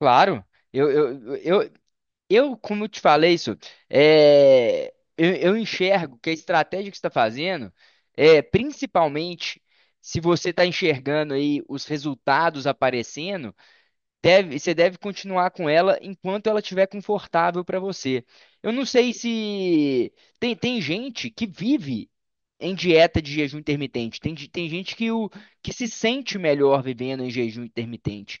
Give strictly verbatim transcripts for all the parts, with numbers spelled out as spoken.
Claro, eu, eu, eu, eu, como eu te falei isso, é, eu, eu enxergo que a estratégia que você está fazendo, é, principalmente se você está enxergando aí os resultados aparecendo, Deve, você deve continuar com ela enquanto ela estiver confortável para você. Eu não sei se tem, tem gente que vive em dieta de jejum intermitente. Tem, de- tem gente que, o, que se sente melhor vivendo em jejum intermitente.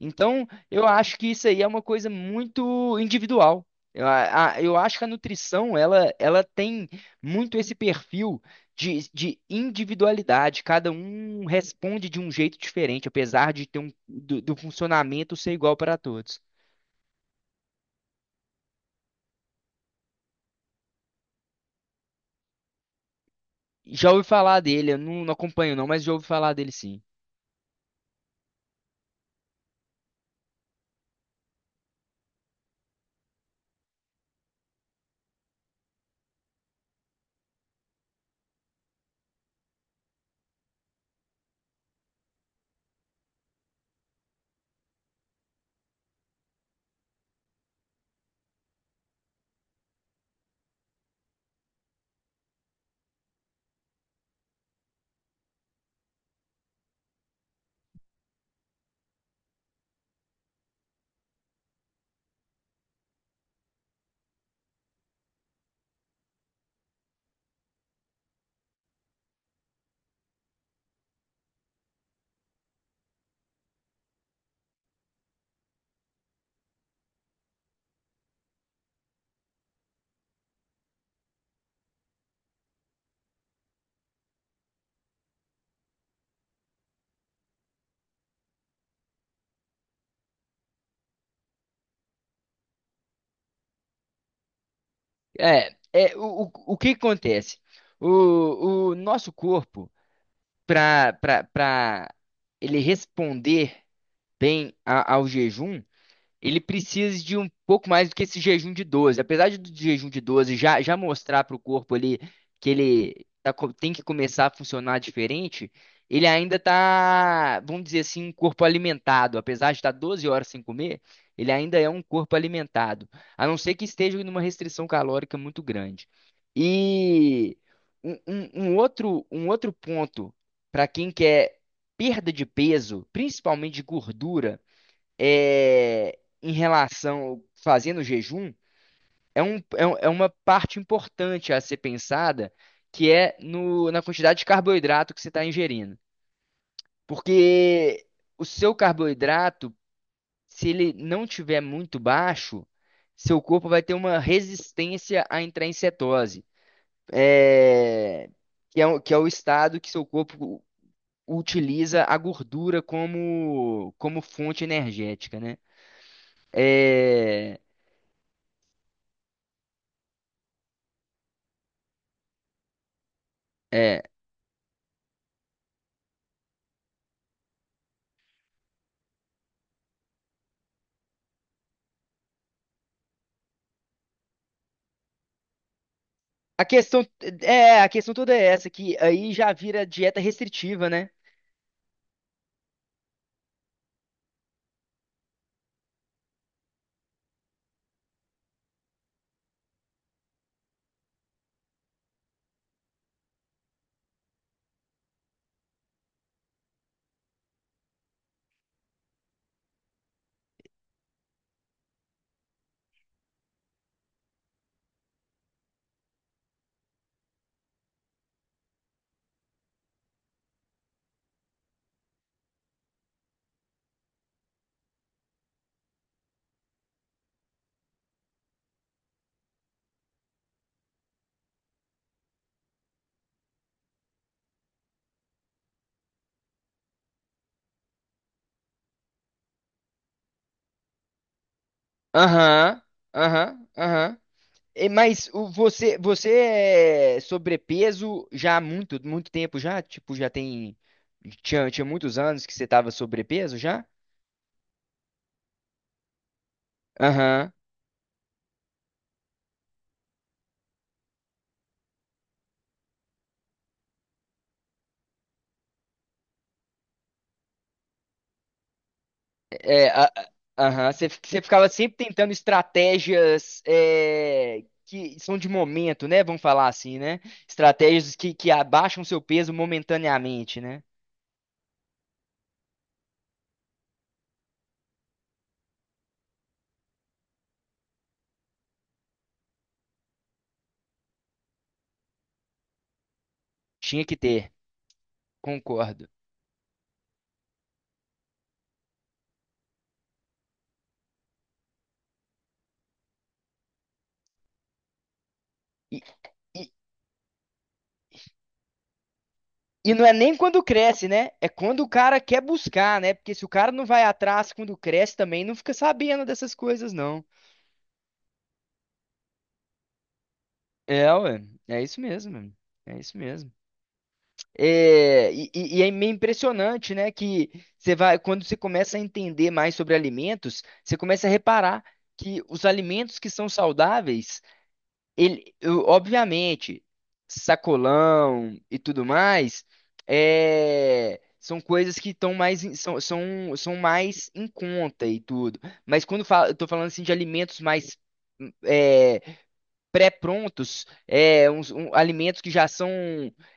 Então, eu acho que isso aí é uma coisa muito individual. Eu, a- a- eu acho que a nutrição, ela, ela tem muito esse perfil de, de individualidade, cada um responde de um jeito diferente, apesar de ter um do, do funcionamento ser igual para todos. Já ouvi falar dele, eu não, não acompanho não, mas já ouvi falar dele sim. É, é o, o, o que que acontece? O, o nosso corpo, para para ele responder bem a- ao jejum, ele precisa de um pouco mais do que esse jejum de doze. Apesar de- do jejum de doze já, já mostrar para o corpo ali que ele tá co- tem que começar a funcionar diferente, ele ainda tá, vamos dizer assim, um corpo alimentado. Apesar de estar doze horas sem comer, ele ainda é um corpo alimentado. A não ser que esteja em uma restrição calórica muito grande. E um, um- um outro, um outro ponto para quem quer perda de peso, principalmente de gordura, é, em relação fazendo jejum é, um, é, um- é uma parte importante a ser pensada, que é no, na quantidade de carboidrato que você está ingerindo. Porque o seu carboidrato, se ele não tiver muito baixo, seu corpo vai ter uma resistência a entrar em cetose, é, que é, o- que é o estado que seu corpo utiliza a gordura como, como fonte energética, né? É, é, A questão é, a questão toda é essa, que aí já vira dieta restritiva, né? Aham, aham, aham. E, Mas o- você, você é sobrepeso já há muito, muito tempo já? Tipo, já tem, tinha, tinha muitos anos que você tava sobrepeso já? Aham. É, a- a- aham, você, fi- você ficava sempre tentando estratégias é, que são de momento, né? Vamos falar assim, né? Estratégias que, que abaixam seu peso momentaneamente, né? Tinha que ter. Concordo. E, e, e não é nem quando cresce, né? É quando o cara quer buscar, né? Porque se o cara não vai atrás quando cresce também, não fica sabendo dessas coisas, não. É, ué. É isso mesmo, mano. É isso mesmo. É, e, e- e é meio impressionante, né? Que você vai, quando você começa a entender mais sobre alimentos, você começa a reparar que os alimentos que são saudáveis ele, eu- obviamente, sacolão e tudo mais, é, são coisas que estão mais, em- são, são, são mais em conta e tudo. Mas quando fala, eu tô falando assim de alimentos mais é, pré-prontos, é, uns- um- alimentos que já são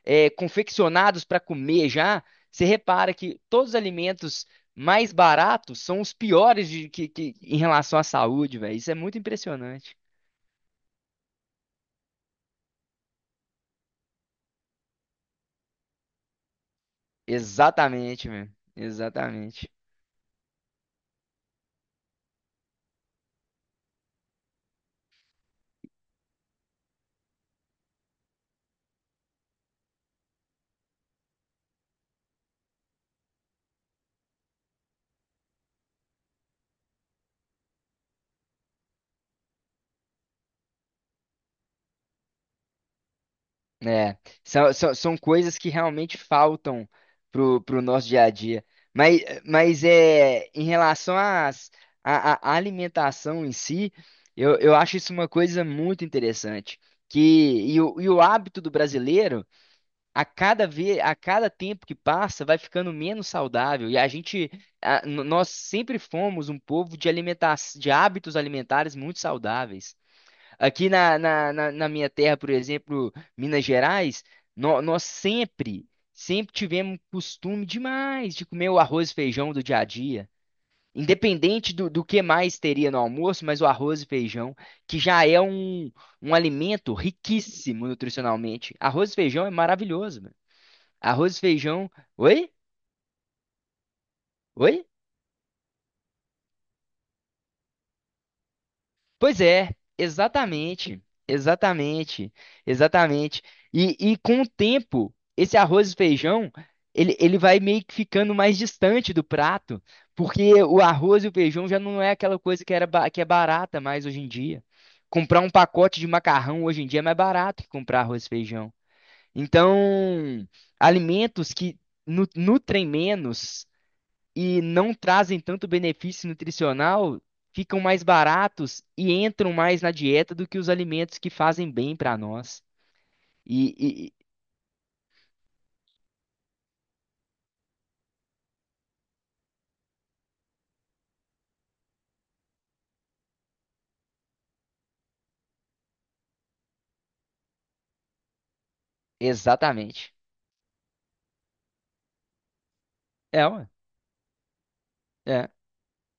é, confeccionados para comer já, você repara que todos os alimentos mais baratos são os piores de- que, que- em relação à saúde, velho. Isso é muito impressionante. Exatamente, meu. Exatamente. É, são, são, são coisas que realmente faltam pro, pro nosso dia a dia. Mas, mas é, em relação às, à, à- à alimentação em si, eu, eu acho isso uma coisa muito interessante. Que, e, o, e o hábito do brasileiro, a cada vez, a cada tempo que passa, vai ficando menos saudável. E a gente, a- n- nós sempre fomos um povo de alimenta de hábitos alimentares muito saudáveis. Aqui na, na, na, na minha terra, por exemplo, Minas Gerais, nó- nós sempre, sempre tivemos costume demais de comer o arroz e feijão do dia a dia. Independente do, do que mais teria no almoço, mas o arroz e feijão, que já é um, um alimento riquíssimo nutricionalmente. Arroz e feijão é maravilhoso, mano. Arroz e feijão. Oi? Oi? Pois é, exatamente, exatamente, exatamente. E, e com o tempo, esse arroz e feijão, ele, ele vai meio que ficando mais distante do prato, porque o arroz e o feijão já não é aquela coisa que era, ba- que é barata mais hoje em dia. Comprar um pacote de macarrão hoje em dia é mais barato que comprar arroz e feijão. Então, alimentos que nu- nutrem menos e não trazem tanto benefício nutricional, ficam mais baratos e entram mais na dieta do que os alimentos que fazem bem para nós. E, e- e- Exatamente. É, ué. É,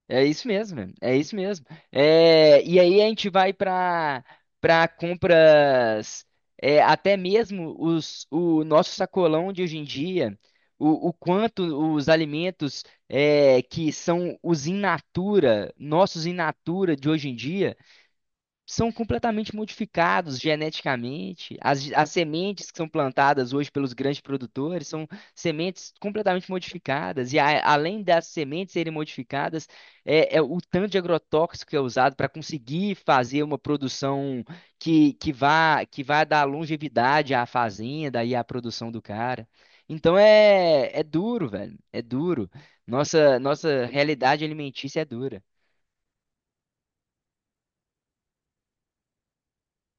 é isso mesmo, mano. É isso mesmo. É, e aí a gente vai para para compras, é, até mesmo os, o nosso sacolão de hoje em dia, o, o quanto os alimentos é, que são os in natura, nossos in natura de hoje em dia são completamente modificados geneticamente. As, as sementes que são plantadas hoje pelos grandes produtores são sementes completamente modificadas. E a- além das sementes serem modificadas, é, é o tanto de agrotóxico que é usado para conseguir fazer uma produção que, que vá, que vá dar longevidade à fazenda e à produção do cara. Então é, é duro, velho. É duro. Nossa, nossa realidade alimentícia é dura.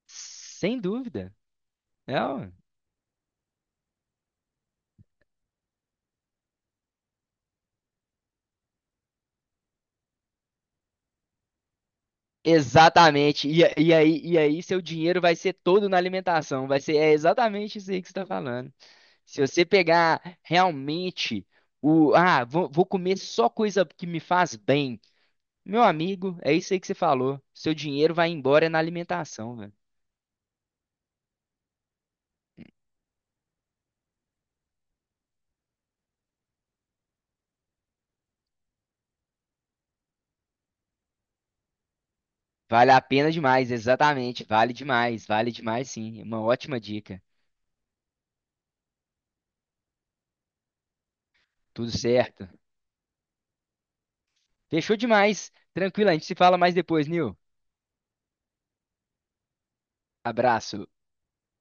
Sem dúvida. É, ó. Exatamente. E, a- e aí, e aí seu dinheiro vai ser todo na alimentação. Vai ser, é exatamente isso aí que você está falando. Se você pegar realmente o, ah, vou, vou comer só coisa que me faz bem. Meu amigo, é isso aí que você falou. Seu dinheiro vai embora é na alimentação, velho. Vale a pena demais, exatamente. Vale demais, vale demais sim. Uma ótima dica. Tudo certo. Fechou demais. Tranquilo, a gente se fala mais depois, Nil. Abraço.